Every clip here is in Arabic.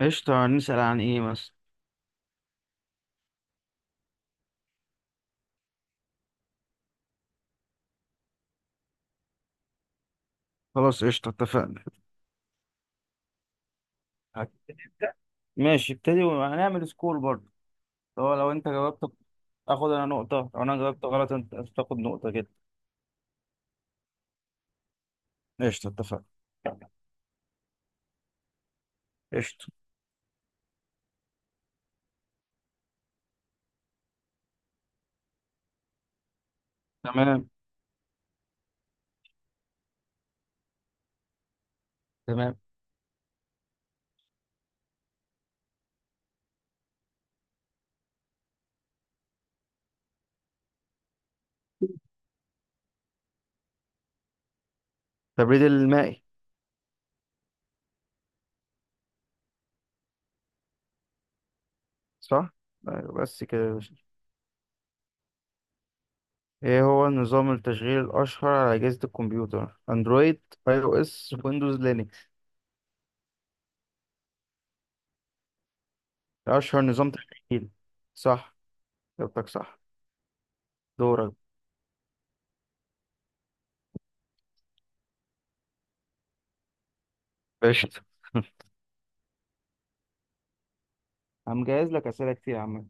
قشطة، نسأل عن ايه مثلا؟ خلاص، قشطة، اتفقنا. هتبتدي انت؟ ماشي، ابتدي، وهنعمل سكور برضه. هو لو انت جاوبت اخد انا نقطة، لو انا جاوبت غلط انت تاخد نقطة كده. قشطة، اتفقنا. قشطة. تمام، تمام. التبريد المائي. صح؟ أيوة، بس كده يا باشا. ايه هو نظام التشغيل الاشهر على اجهزة الكمبيوتر؟ اندرويد، اي او اس، ويندوز، لينكس؟ اشهر نظام تشغيل، صح. جبتك صح. دورك. قشطة. هنجهز لك اسئلة كتير يا عم.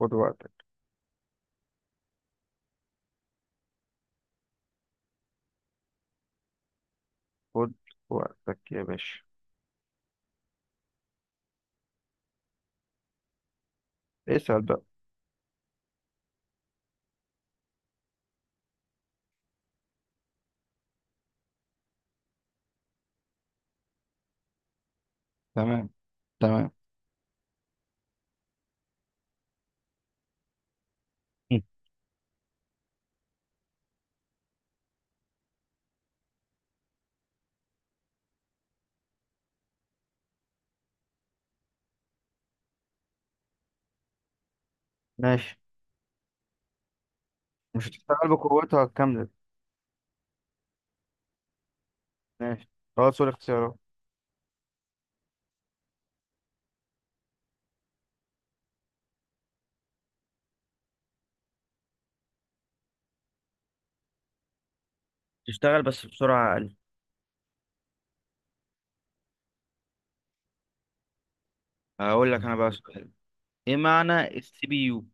خد وقتك، خد وقتك يا باشا. اسأل بقى. تمام، تمام. مم. ماشي. مش هتشتغل بقوتها الكاملة. ماشي، خلاص، قول اختيارات. تشتغل بس بسرعة أقل. هقول لك أنا بقى سؤال. إيه معنى السي بي يو؟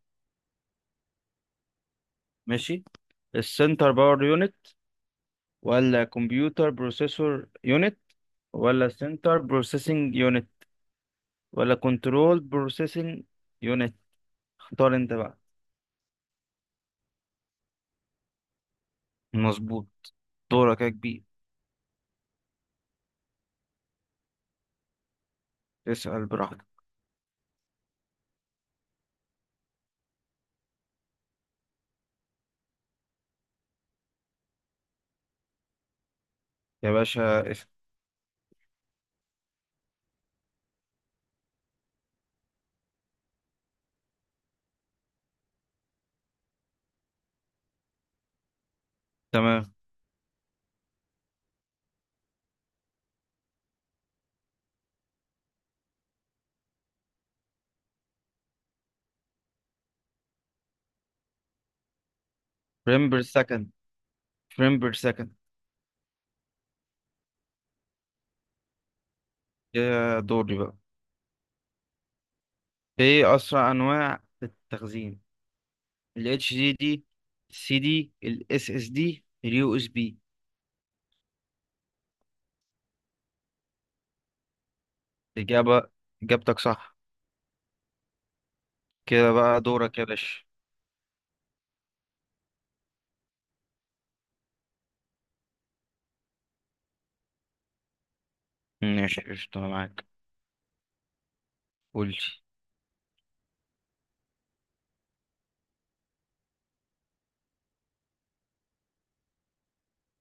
ماشي. السنتر باور يونت، ولا كمبيوتر بروسيسور يونت، ولا سنتر بروسيسنج يونت، ولا كنترول بروسيسنج يونت؟ اختار أنت بقى. مظبوط. دورك يا كبير. اسأل براحتك. يا باشا اسأل. تمام. فريم بير سكند، فريم بير سكند. يا، دوري بقى. ايه اسرع انواع التخزين؟ الاتش دي دي، السي دي، الاس اس دي، اليو اس بي؟ اجابه، اجابتك صح. كده بقى دورك يا باشا. ماشي، قشطة، أنا معاك. قول.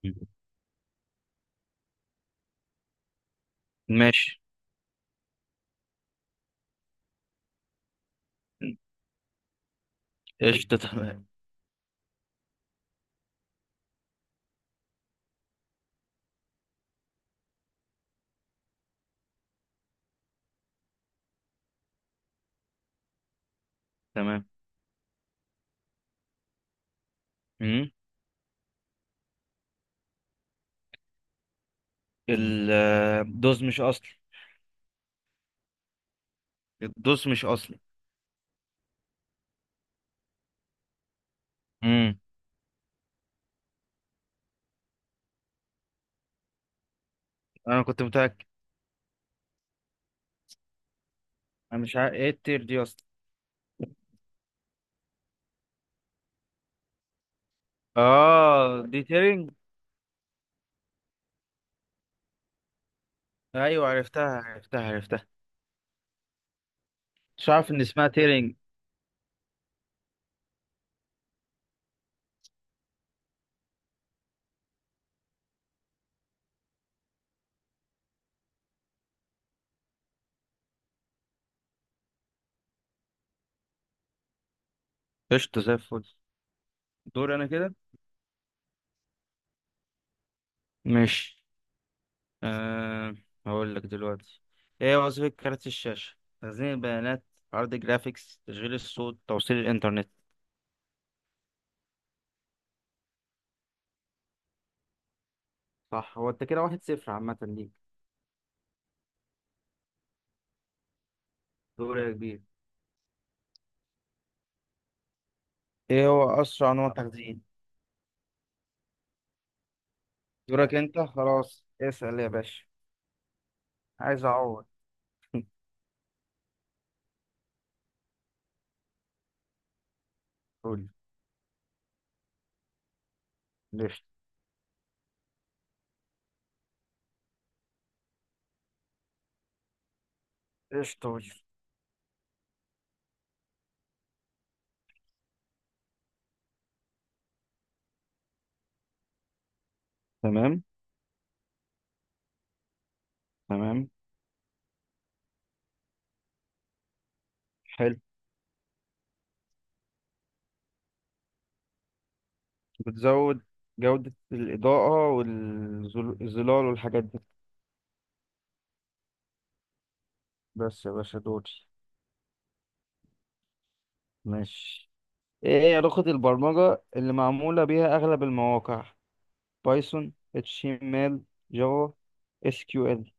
لي. ماشي. قشطة، تمام. تمام. مم. ال- الدوز مش اصلي. الدوز مش اصلي. مم. انا كنت متأكد. انا مش عارف ايه التير دي اصلا. اه، دي تيرنج. ايوه، عرفتها، عرفتها، عرفتها. مش عارف ان اسمها تيرنج. قشطة، زي الفل. دور انا كده. ماشي. أه. هقول لك دلوقتي. ايه وظيفة كارت الشاشة؟ تخزين البيانات، عرض جرافيكس، تشغيل الصوت، توصيل الانترنت؟ صح، هو انت كده واحد صفر عامة ليك. دور يا كبير. ايه هو اسرع نوع تخزين؟ دورك انت، خلاص اسأل يا باشا. عايز اعوض. قول. ليش؟ قشطة، قول. تمام. تمام. حلو. بتزود جودة الإضاءة والظلال والحاجات دي. بس يا باشا، دوري. ماشي. ايه هي لغة البرمجة اللي معمولة بيها اغلب المواقع؟ بايثون، اتش تي ام ال، جافا، اس كيو ال؟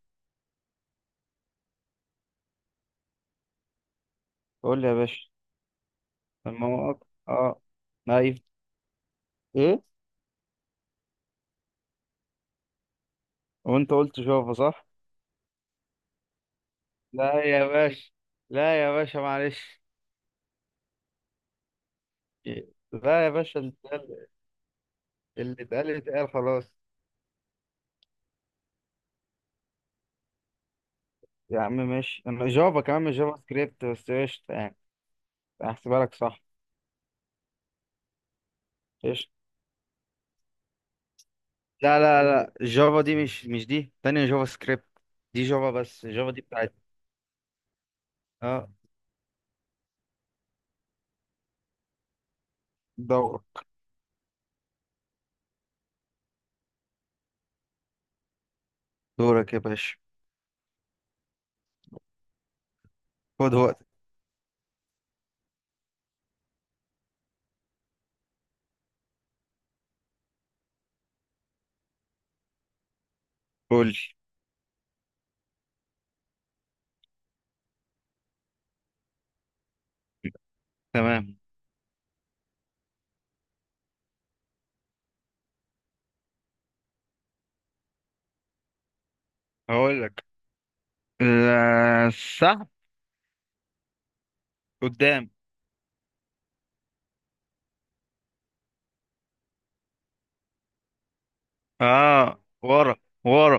قول لي يا باشا. المواقع، اه. ايوه. ايه. وانت قلت جافا، صح. لا يا باشا، لا يا باشا، معلش. لا يا باشا، اللي اتقال اتقال خلاص. يا عم ماشي، أما جافا كمان مش جافا سكريبت، بس قشطة يعني. احسبها لك صح. قشطة. لا لا لا، جافا دي مش دي تانية، جافا سكريبت. دي جافا، بس جافا دي بتاعت. اه. دورك. دورك يا باشا. خد وقتك. قول لي. تمام. هقول لك. لا، السحب. قدام. اه، ورا، ورا.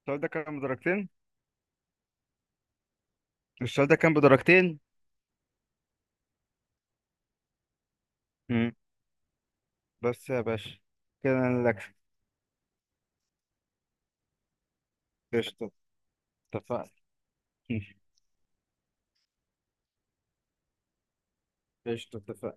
السؤال ده كان بدرجتين. السؤال ده كان بدرجتين. مم. بس يا باشا، كده انا لك. قشطة، اتفقنا. قشطة، اتفقنا.